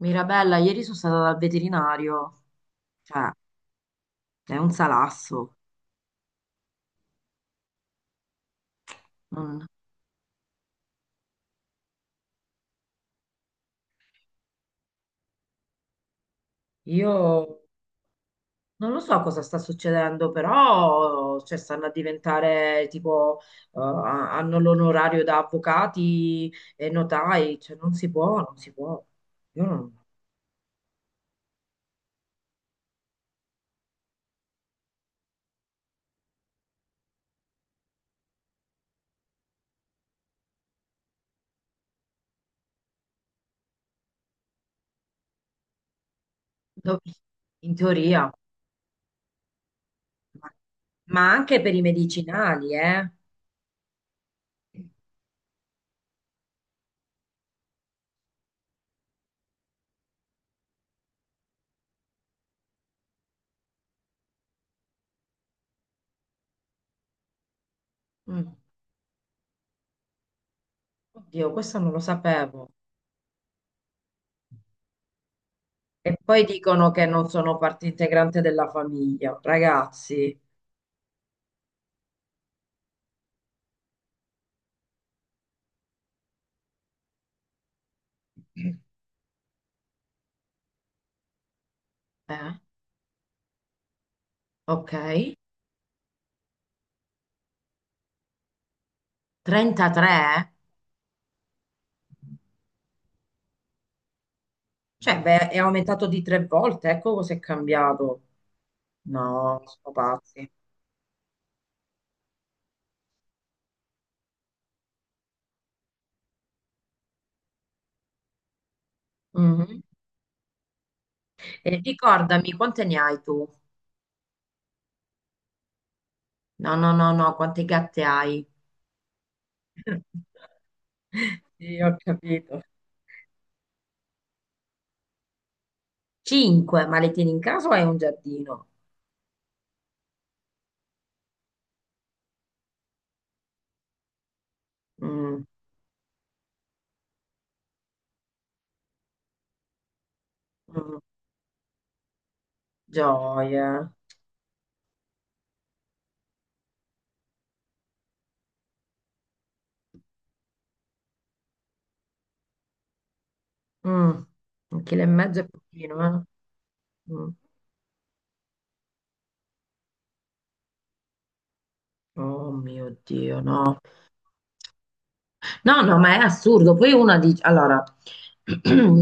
Mirabella, ieri sono stata dal veterinario, cioè è un salasso. Non- io non lo so cosa sta succedendo, però cioè, stanno a diventare tipo, hanno l'onorario da avvocati e notai, cioè non si può, non si può. Io non- do- In teoria, ma, ma anche per i medicinali, eh. Mm. Oddio, questo non lo sapevo. E poi dicono che non sono parte integrante della famiglia, ragazzi. Eh, ok, 33? Cioè, beh, è aumentato di tre volte, ecco cosa è cambiato. No, sono pazzi. Mhm. E ricordami, quante ne hai tu? No, no, no, no, quante gatte hai? Sì, ho capito. Cinque, ma le tieni in casa o hai un giardino? Mm, mm, gioia. Mm, un chilo e mezzo è pochino, eh? Mm. Oh mio Dio, no. No, no, ma è assurdo. Poi una dice, allora,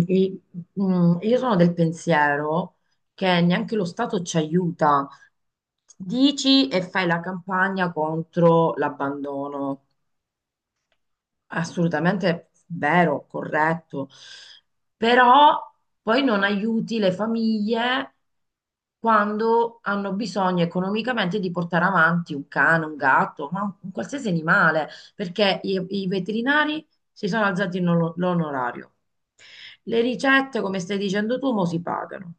i- io sono del pensiero che neanche lo Stato ci aiuta. Dici e fai la campagna contro l'abbandono, assolutamente vero, corretto, però poi non aiuti le famiglie quando hanno bisogno economicamente di portare avanti un cane, un gatto, ma un qualsiasi animale, perché i veterinari si sono alzati l'onorario. Le ricette, come stai dicendo tu, mo si pagano.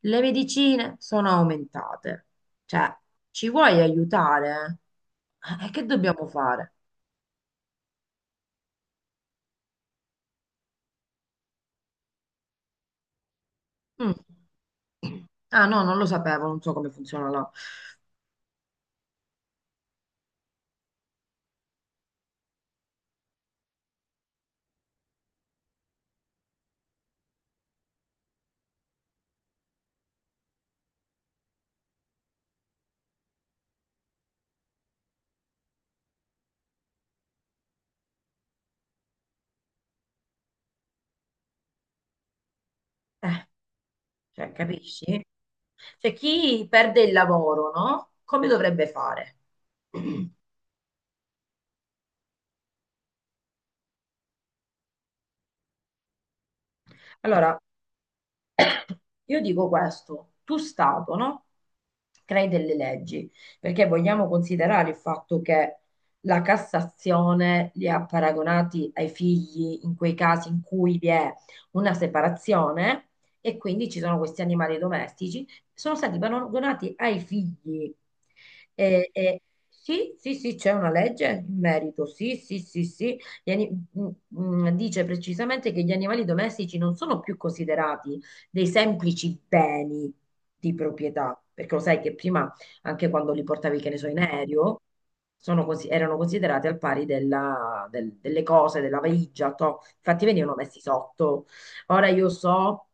Le medicine sono aumentate. Cioè, ci vuoi aiutare? Eh, che dobbiamo fare? Mm. Ah no, non lo sapevo, non so come funziona là. Eh, cioè, capisci? Cioè, chi perde il lavoro, no? Come dovrebbe fare? Allora, io dico questo, tu Stato, no? Crei delle leggi, perché vogliamo considerare il fatto che la Cassazione li ha paragonati ai figli in quei casi in cui vi è una separazione e quindi ci sono questi animali domestici, sono stati paragonati ai figli. E, e- sì, sì, sì, c'è una legge in merito, sì, sì, sì, sì. Mm, mm, dice precisamente che gli animali domestici non sono più considerati dei semplici beni di proprietà, perché lo sai che prima, anche quando li portavi, che ne so, in aereo, erano considerati al pari delle cose, della valigia, toh. Infatti venivano messi sotto. Ora io so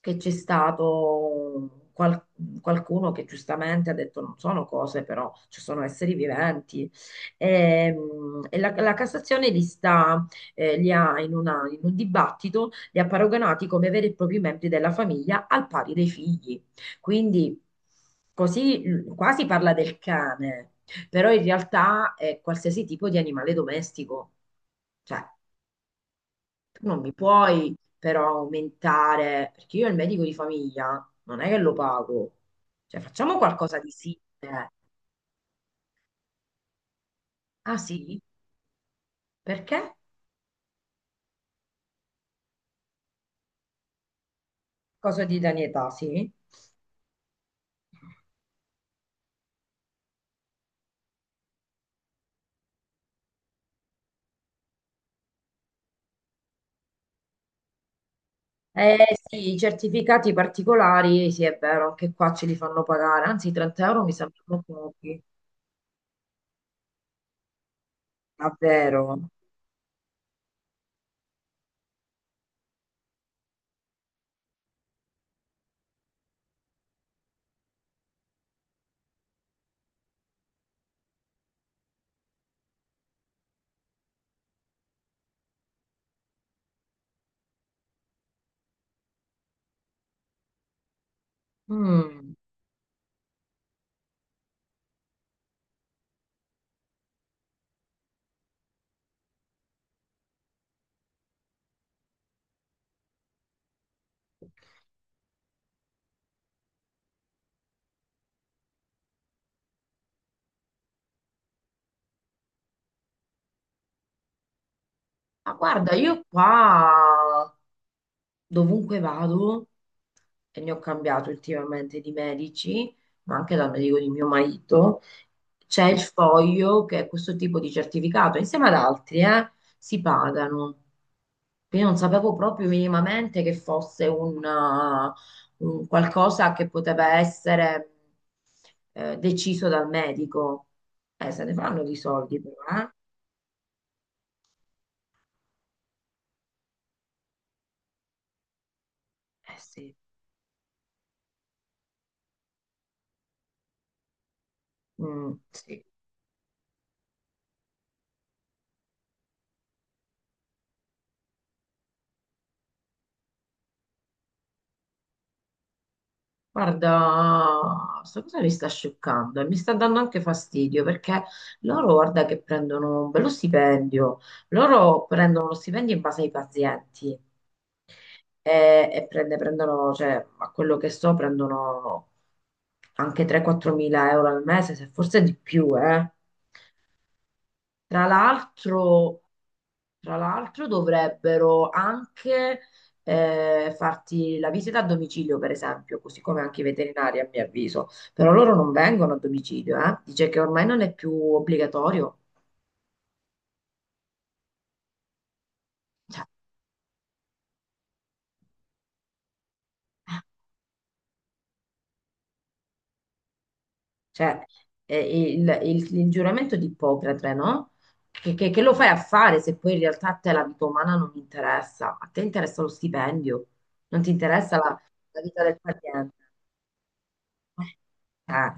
che qualcuno che giustamente ha detto non sono cose, però ci sono esseri viventi. E la Cassazione li sta, li ha in un dibattito, li ha paragonati come veri e propri membri della famiglia al pari dei figli. Quindi qua si parla del cane, però in realtà è qualsiasi tipo di animale domestico. Cioè, tu non mi puoi però aumentare, perché io il medico di famiglia non è che lo pago. Cioè, facciamo qualcosa di simile. Ah sì? Perché? Cosa di età, sì? Eh sì, i certificati particolari, sì, è vero, anche qua ce li fanno pagare, anzi 30 euro mi sembrano pochi, davvero. Mm. Ma guarda, io qua dovunque vado, e ne ho cambiato ultimamente di medici, ma anche dal medico di mio marito, c'è il foglio che è questo tipo di certificato, insieme ad altri, si pagano. Quindi non sapevo proprio minimamente che un qualcosa che poteva essere deciso dal medico. Se ne fanno di soldi, però, eh? Eh sì. Mm, sì. Guarda, questa cosa mi sta scioccando e mi sta dando anche fastidio perché loro, guarda, che prendono un bello stipendio, loro prendono lo stipendio in base ai pazienti e, prendono, cioè, a quello che so, prendono anche 3-4 mila euro al mese, se forse di più, eh. Tra l'altro, tra l'altro dovrebbero anche farti la visita a domicilio, per esempio, così come anche i veterinari, a mio avviso. Però loro non vengono a domicilio, eh. Dice che ormai non è più obbligatorio. Cioè, cioè, il giuramento di Ippocrate, no? Che lo fai a fare se poi in realtà a te la vita umana non interessa? A te interessa lo stipendio, non ti interessa la la vita del paziente. Eh, eh,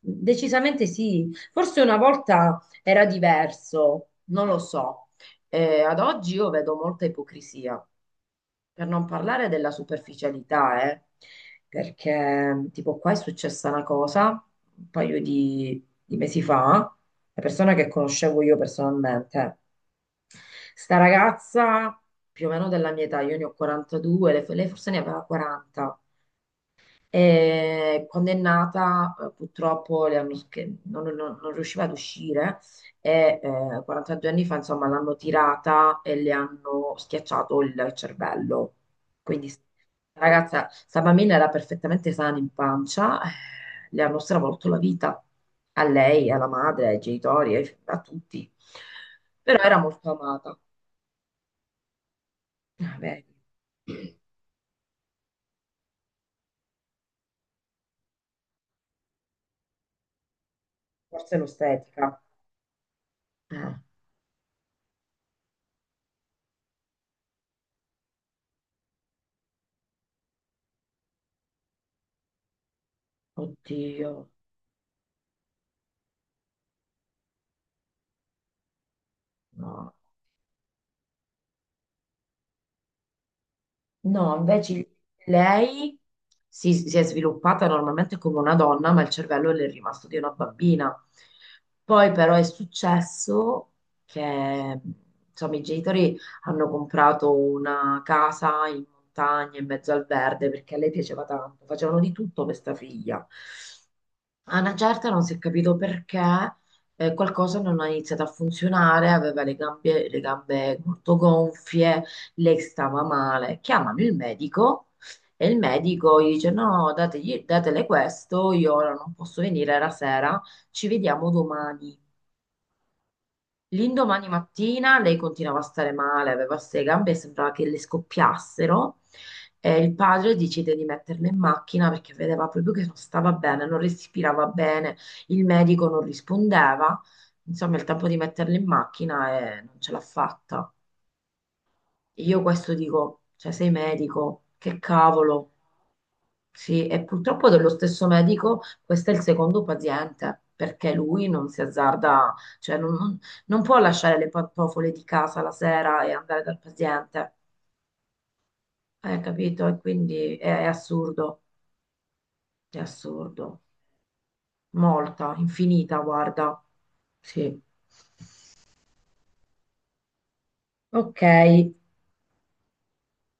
decisamente sì. Forse una volta era diverso, non lo so. Ad oggi io vedo molta ipocrisia. Per non parlare della superficialità, perché tipo qua è successa una cosa un paio di mesi fa, la persona che conoscevo io personalmente, sta ragazza più o meno della mia età, io ne ho 42, lei forse ne aveva 40, e quando è nata, purtroppo le hanno sch- non, non- non riusciva ad uscire e 42 anni fa, insomma, l'hanno tirata e le hanno schiacciato il cervello. Quindi, ragazza, sta bambina era perfettamente sana in pancia, le hanno stravolto la vita a lei, alla madre, ai genitori, a tutti. Però era molto amata. Ah, vedi. Forse l'ostetica. Eh, oddio, no. No, invece lei si è sviluppata normalmente come una donna, ma il cervello le è rimasto di una bambina. Poi però è successo che insomma, i genitori hanno comprato una casa in montagna, in mezzo al verde, perché a lei piaceva tanto, facevano di tutto per sta figlia. A una certa non si è capito perché qualcosa non ha iniziato a funzionare, aveva le gambe molto gonfie, lei stava male. Chiamano il medico e il medico gli dice: No, datele questo, io ora non posso venire, era sera, ci vediamo domani. L'indomani mattina lei continuava a stare male, aveva queste gambe, sembrava che le scoppiassero e il padre decide di metterla in macchina perché vedeva proprio che non stava bene, non respirava bene, il medico non rispondeva, insomma il tempo di metterla in macchina e non ce l'ha fatta. Io questo dico, cioè sei medico, che cavolo. Sì, e purtroppo dello stesso medico, questo è il secondo paziente, perché lui non si azzarda, cioè non può lasciare le pantofole di casa la sera e andare dal paziente, hai capito? E quindi è assurdo, molta, infinita, guarda, sì. Ok.